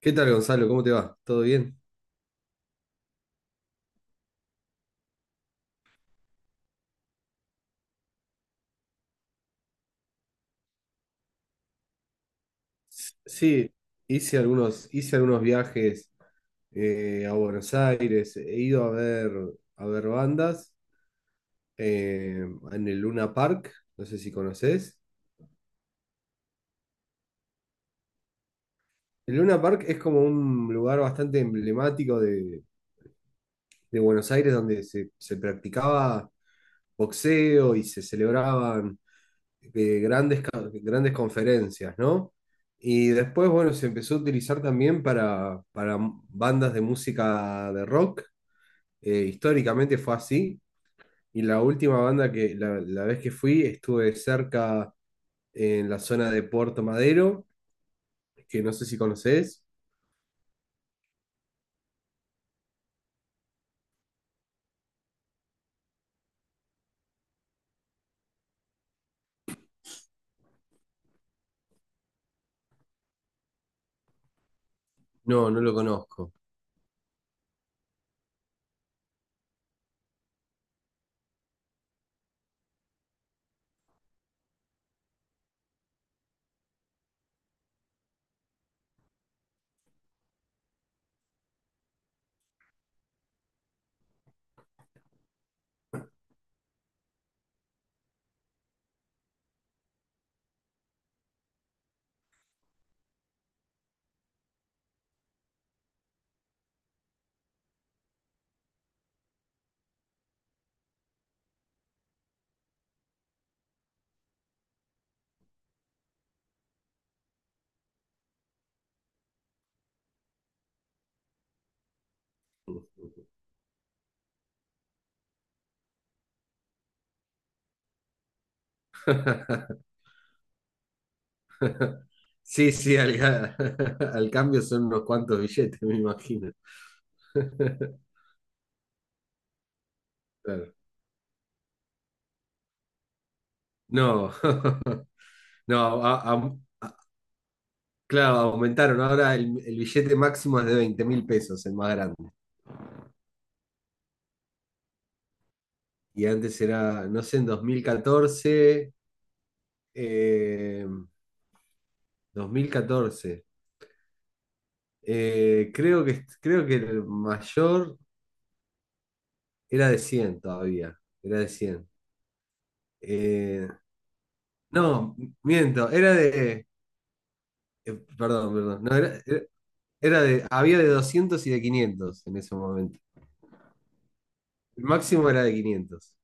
¿Qué tal, Gonzalo? ¿Cómo te va? ¿Todo bien? Sí, hice algunos viajes a Buenos Aires. He ido a ver bandas eh, en el Luna Park. No sé si conoces. El Luna Park es como un lugar bastante emblemático de Buenos Aires donde se practicaba boxeo y se celebraban de grandes, grandes conferencias, ¿no? Y después, bueno, se empezó a utilizar también para bandas de música de rock. Históricamente fue así. Y la última banda la, la vez que fui, estuve cerca en la zona de Puerto Madero, que no sé si conoces. No, no lo conozco. Sí, sí, al cambio son unos cuantos billetes, me imagino. Claro. No, no, a, a- claro, aumentaron. Ahora el billete máximo es de 20.000 pesos, el más grande. Y antes era, no sé, en 2014, eh, 2014. Creo que, creo que el mayor era de 100 todavía. Era de 100. Eh, no, miento, eh, perdón, perdón. No, era, era de, había de 200 y de 500 en ese momento. El máximo era de 500.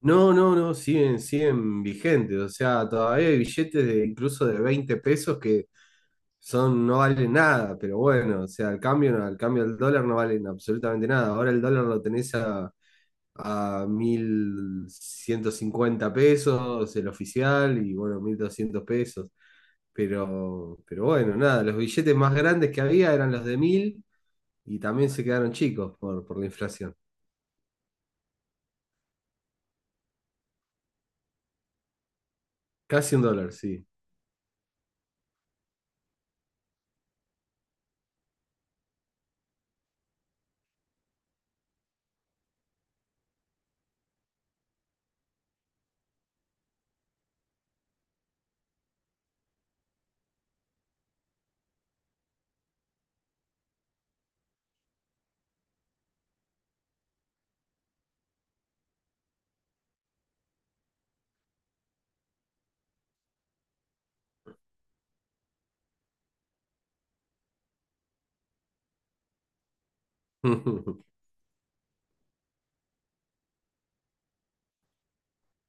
No, no, no, siguen, siguen vigentes. O sea, todavía hay billetes de incluso de 20 pesos que son, no valen nada, pero bueno, o sea, al cambio, no, al cambio del dólar no valen absolutamente nada. Ahora el dólar lo tenés a 1.150 pesos, el oficial, y bueno, 1.200 pesos. Pero bueno, nada, los billetes más grandes que había eran los de 1.000 y también se quedaron chicos por la inflación. Casi un dólar, sí.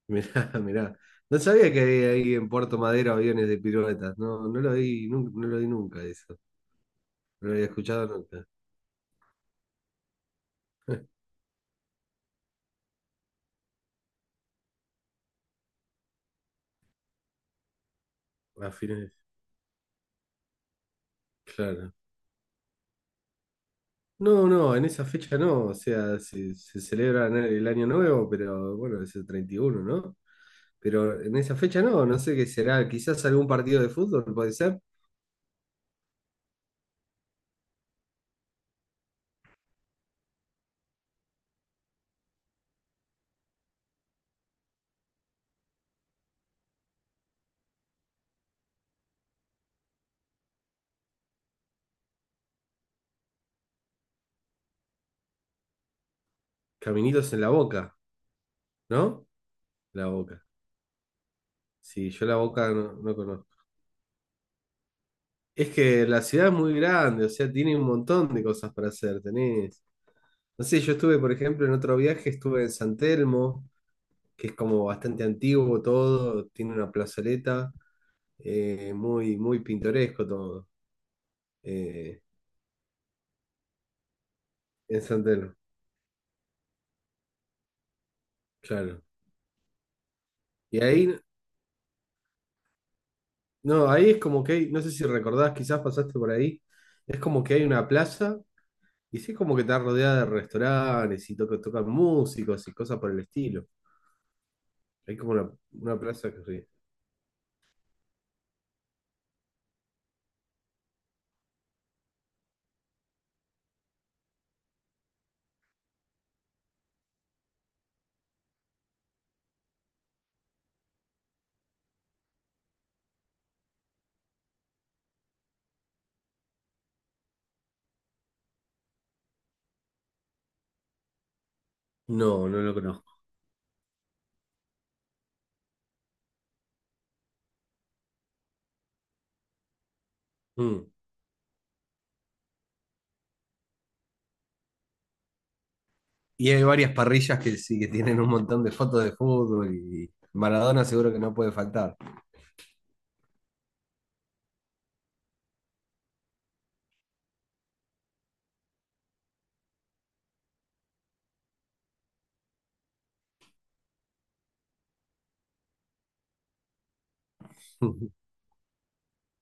Mirá, mirá. No sabía que había ahí en Puerto Madero aviones de piruetas. No, no lo vi, no, lo vi nunca eso. No lo había escuchado nunca. A fines, claro. No, no, en esa fecha no. O sea, se celebra el año nuevo, pero bueno, es el 31, ¿no? Pero en esa fecha no, no sé qué será. Quizás algún partido de fútbol puede ser. ¿Caminitos en la Boca, no? La Boca. Sí, yo la Boca no, no conozco. Es que la ciudad es muy grande, o sea, tiene un montón de cosas para hacer. Tenés. No sé, yo estuve, por ejemplo, en otro viaje, estuve en San Telmo, que es como bastante antiguo todo, tiene una plazoleta, muy, muy pintoresco todo, eh, en San Telmo, claro. Y ahí, no, ahí es como que hay, no sé si recordás, quizás pasaste por ahí, es como que hay una plaza y sí es como que está rodeada de restaurantes y tocan músicos y cosas por el estilo. Hay como una plaza que... sí. No, no lo conozco. Mm. Y hay varias parrillas que sí, que tienen un montón de fotos de fútbol y Maradona seguro que no puede faltar.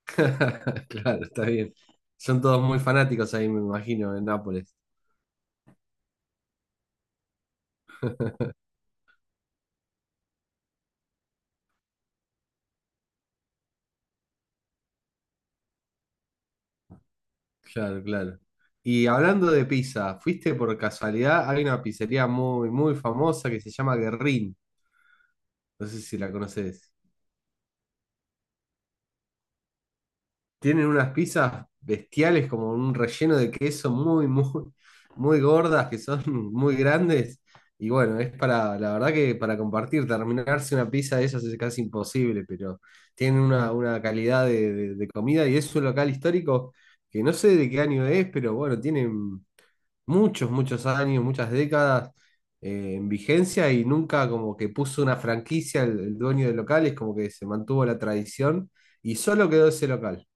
Claro, está bien. Son todos muy fanáticos ahí, me imagino, en Nápoles. Claro, claro. Y hablando de pizza, ¿fuiste por casualidad? Hay una pizzería muy, muy famosa que se llama Guerrín. No sé si la conoces. Tienen unas pizzas bestiales, como un relleno de queso muy, muy, muy gordas, que son muy grandes. Y bueno, es para, la verdad que para compartir, terminarse una pizza de esas es casi imposible, pero tienen una calidad de, de comida y es un local histórico que no sé de qué año es, pero bueno, tienen muchos, muchos años, muchas décadas en vigencia y nunca como que puso una franquicia el dueño del local, es como que se mantuvo la tradición y solo quedó ese local.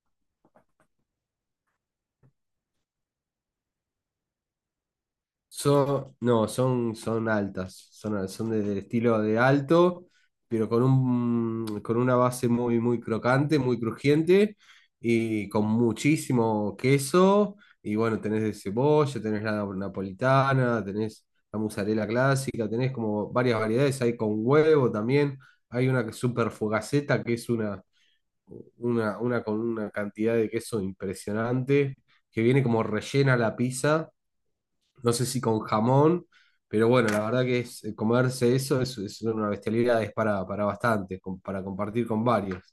Son, no, son, son altas, son, son del estilo de alto, pero con un, con una base muy, muy crocante, muy crujiente y con muchísimo queso. Y bueno, tenés de cebolla, tenés la napolitana, tenés la mozzarella clásica, tenés como varias variedades. Hay con huevo también, hay una que es super fogaceta que es una con una cantidad de queso impresionante, que viene como rellena la pizza no sé si con jamón, pero bueno, la verdad que es, comerse eso es una bestialidad, es para bastante, para compartir con varios.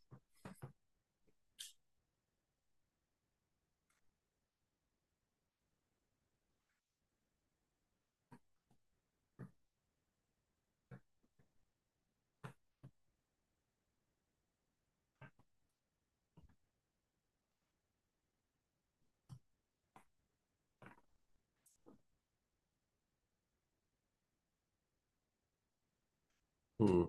Mm,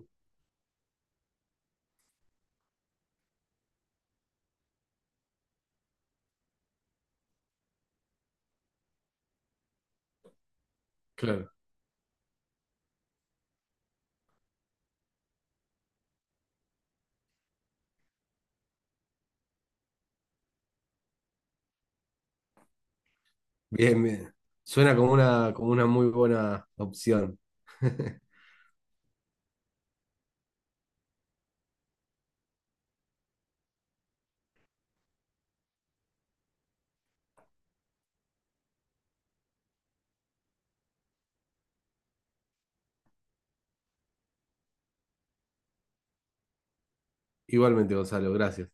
claro. Bien, bien. Suena como una muy buena opción. Igualmente, Gonzalo, gracias.